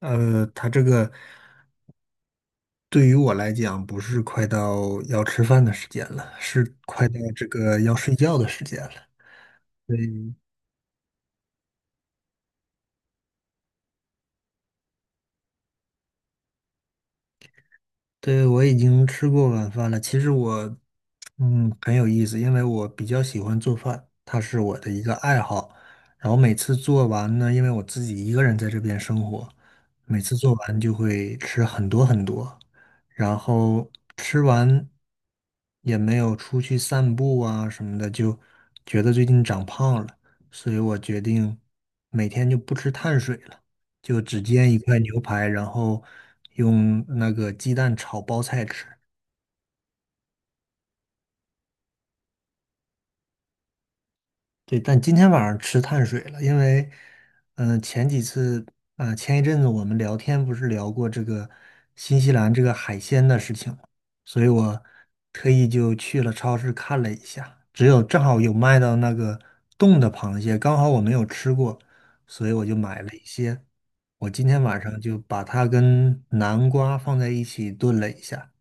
他这个对于我来讲，不是快到要吃饭的时间了，是快到这个要睡觉的时间了。对。对，我已经吃过晚饭了。其实我，很有意思，因为我比较喜欢做饭，它是我的一个爱好。然后每次做完呢，因为我自己一个人在这边生活，每次做完就会吃很多很多，然后吃完也没有出去散步啊什么的，就觉得最近长胖了，所以我决定每天就不吃碳水了。就只煎一块牛排，然后用那个鸡蛋炒包菜吃。对，但今天晚上吃碳水了，因为，前几次，前一阵子我们聊天不是聊过这个新西兰这个海鲜的事情吗？所以我特意就去了超市看了一下，只有正好有卖到那个冻的螃蟹，刚好我没有吃过，所以我就买了一些。我今天晚上就把它跟南瓜放在一起炖了一下。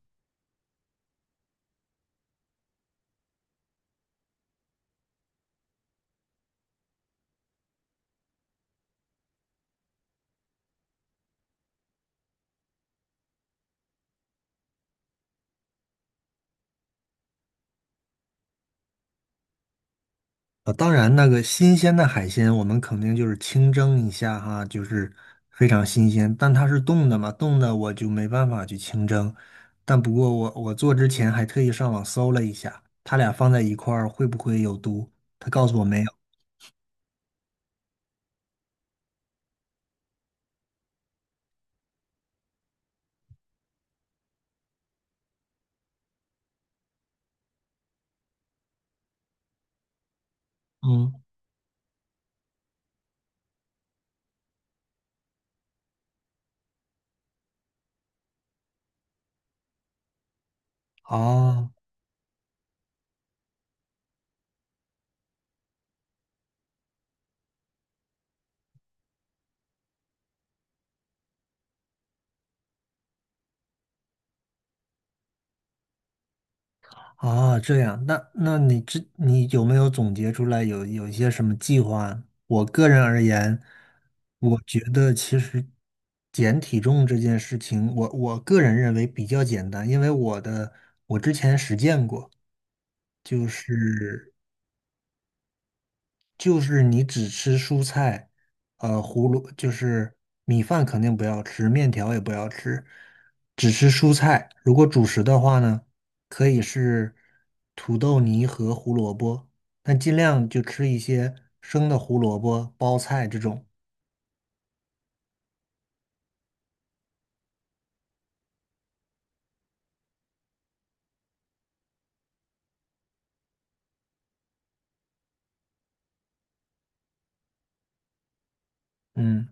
当然，那个新鲜的海鲜，我们肯定就是清蒸一下哈，就是非常新鲜。但它是冻的嘛，冻的我就没办法去清蒸。但不过我做之前还特意上网搜了一下，它俩放在一块儿会不会有毒？他告诉我没有。嗯。哦。啊，这样，那你这你有没有总结出来有一些什么计划？我个人而言，我觉得其实减体重这件事情，我个人认为比较简单，因为我的我之前实践过，就是你只吃蔬菜，呃，胡萝就是米饭肯定不要吃，面条也不要吃，只吃蔬菜。如果主食的话呢，可以是土豆泥和胡萝卜，但尽量就吃一些生的胡萝卜、包菜这种。嗯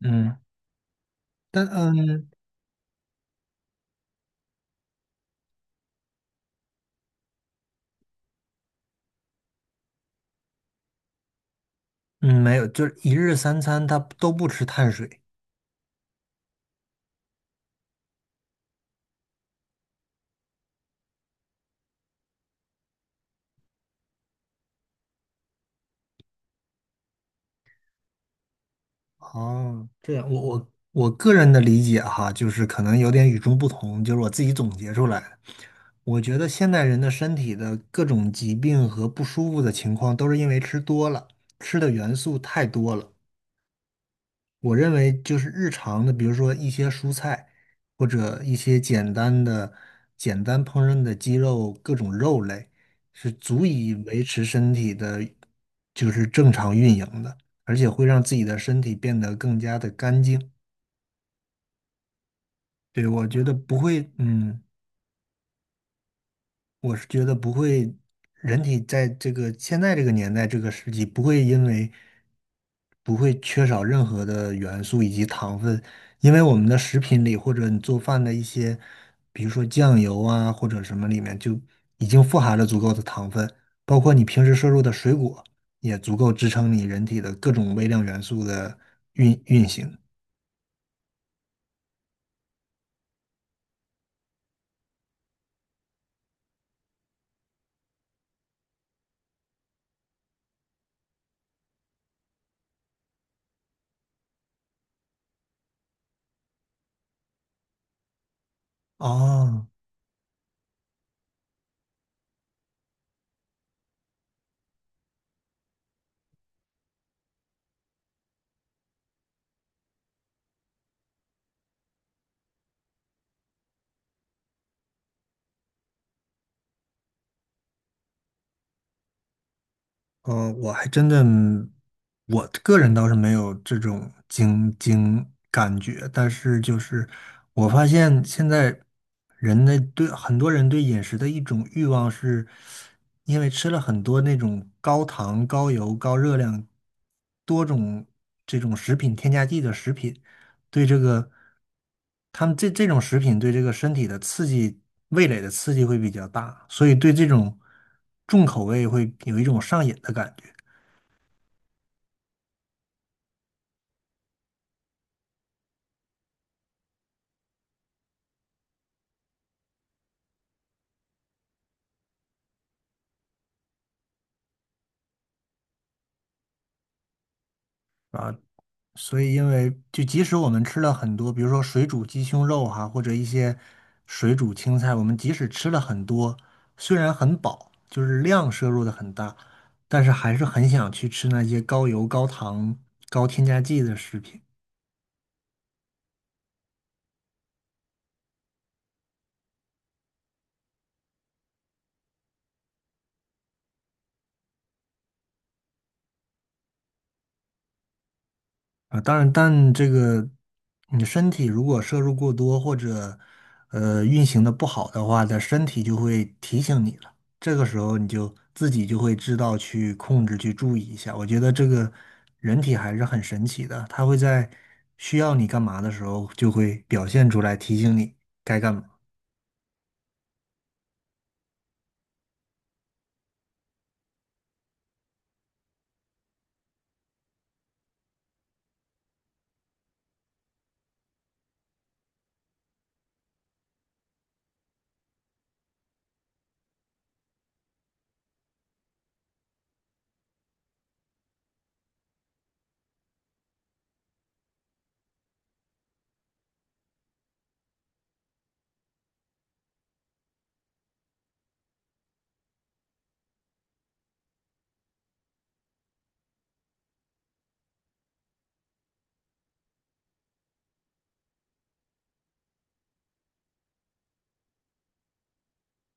嗯。但嗯没有，就是一日三餐他都不吃碳水。哦，这样，我个人的理解哈，就是可能有点与众不同，就是我自己总结出来的。我觉得现代人的身体的各种疾病和不舒服的情况，都是因为吃多了，吃的元素太多了。我认为就是日常的，比如说一些蔬菜，或者一些简单的、简单烹饪的鸡肉，各种肉类，是足以维持身体的，就是正常运营的，而且会让自己的身体变得更加的干净。对，我觉得不会，嗯。我是觉得不会，人体在这个现在这个年代这个时期不会因为不会缺少任何的元素以及糖分，因为我们的食品里或者你做饭的一些，比如说酱油啊或者什么里面就已经富含了足够的糖分，包括你平时摄入的水果也足够支撑你人体的各种微量元素的运行。啊。我还真的，我个人倒是没有这种感觉，但是就是我发现现在人的对很多人对饮食的一种欲望是，因为吃了很多那种高糖、高油、高热量、多种这种食品添加剂的食品，对这个，他们这种食品对这个身体的刺激，味蕾的刺激会比较大，所以对这种重口味会有一种上瘾的感觉。啊。所以，因为就即使我们吃了很多，比如说水煮鸡胸肉哈、或者一些水煮青菜，我们即使吃了很多，虽然很饱，就是量摄入的很大，但是还是很想去吃那些高油、高糖、高添加剂的食品。啊，当然，但这个你身体如果摄入过多或者运行的不好的话，它身体就会提醒你了。这个时候你就自己就会知道去控制、去注意一下。我觉得这个人体还是很神奇的，它会在需要你干嘛的时候就会表现出来，提醒你该干嘛。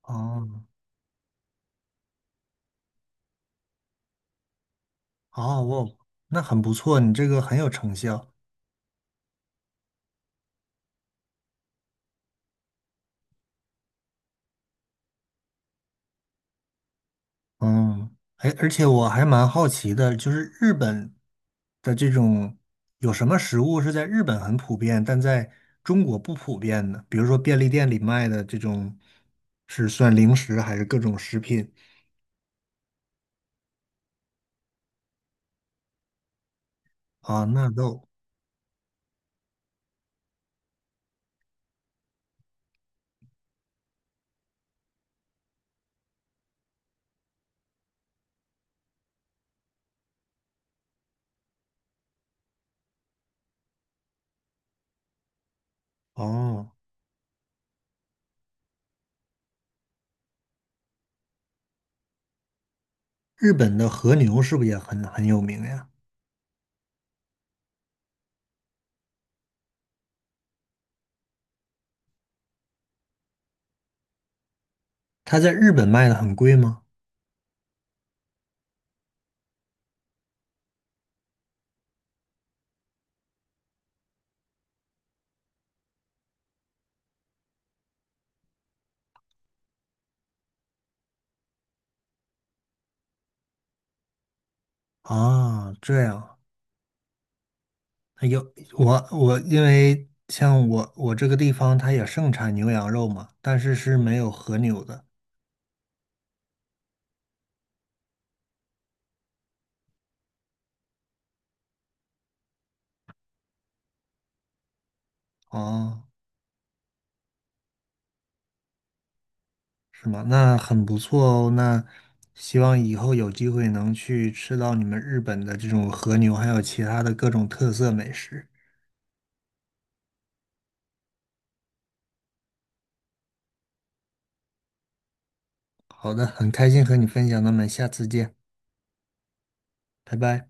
哦。哦，我那很不错，你这个很有成效。嗯，哎，而且我还蛮好奇的，就是日本的这种有什么食物是在日本很普遍，但在中国不普遍的？比如说便利店里卖的这种，是算零食还是各种食品啊？纳豆哦，日本的和牛是不是也很有名呀？它在日本卖的很贵吗？啊，这样，哎有我因为像我这个地方它也盛产牛羊肉嘛，但是是没有和牛的。哦，是吗？那很不错哦。那希望以后有机会能去吃到你们日本的这种和牛，还有其他的各种特色美食。好的，很开心和你分享，那么下次见，拜拜。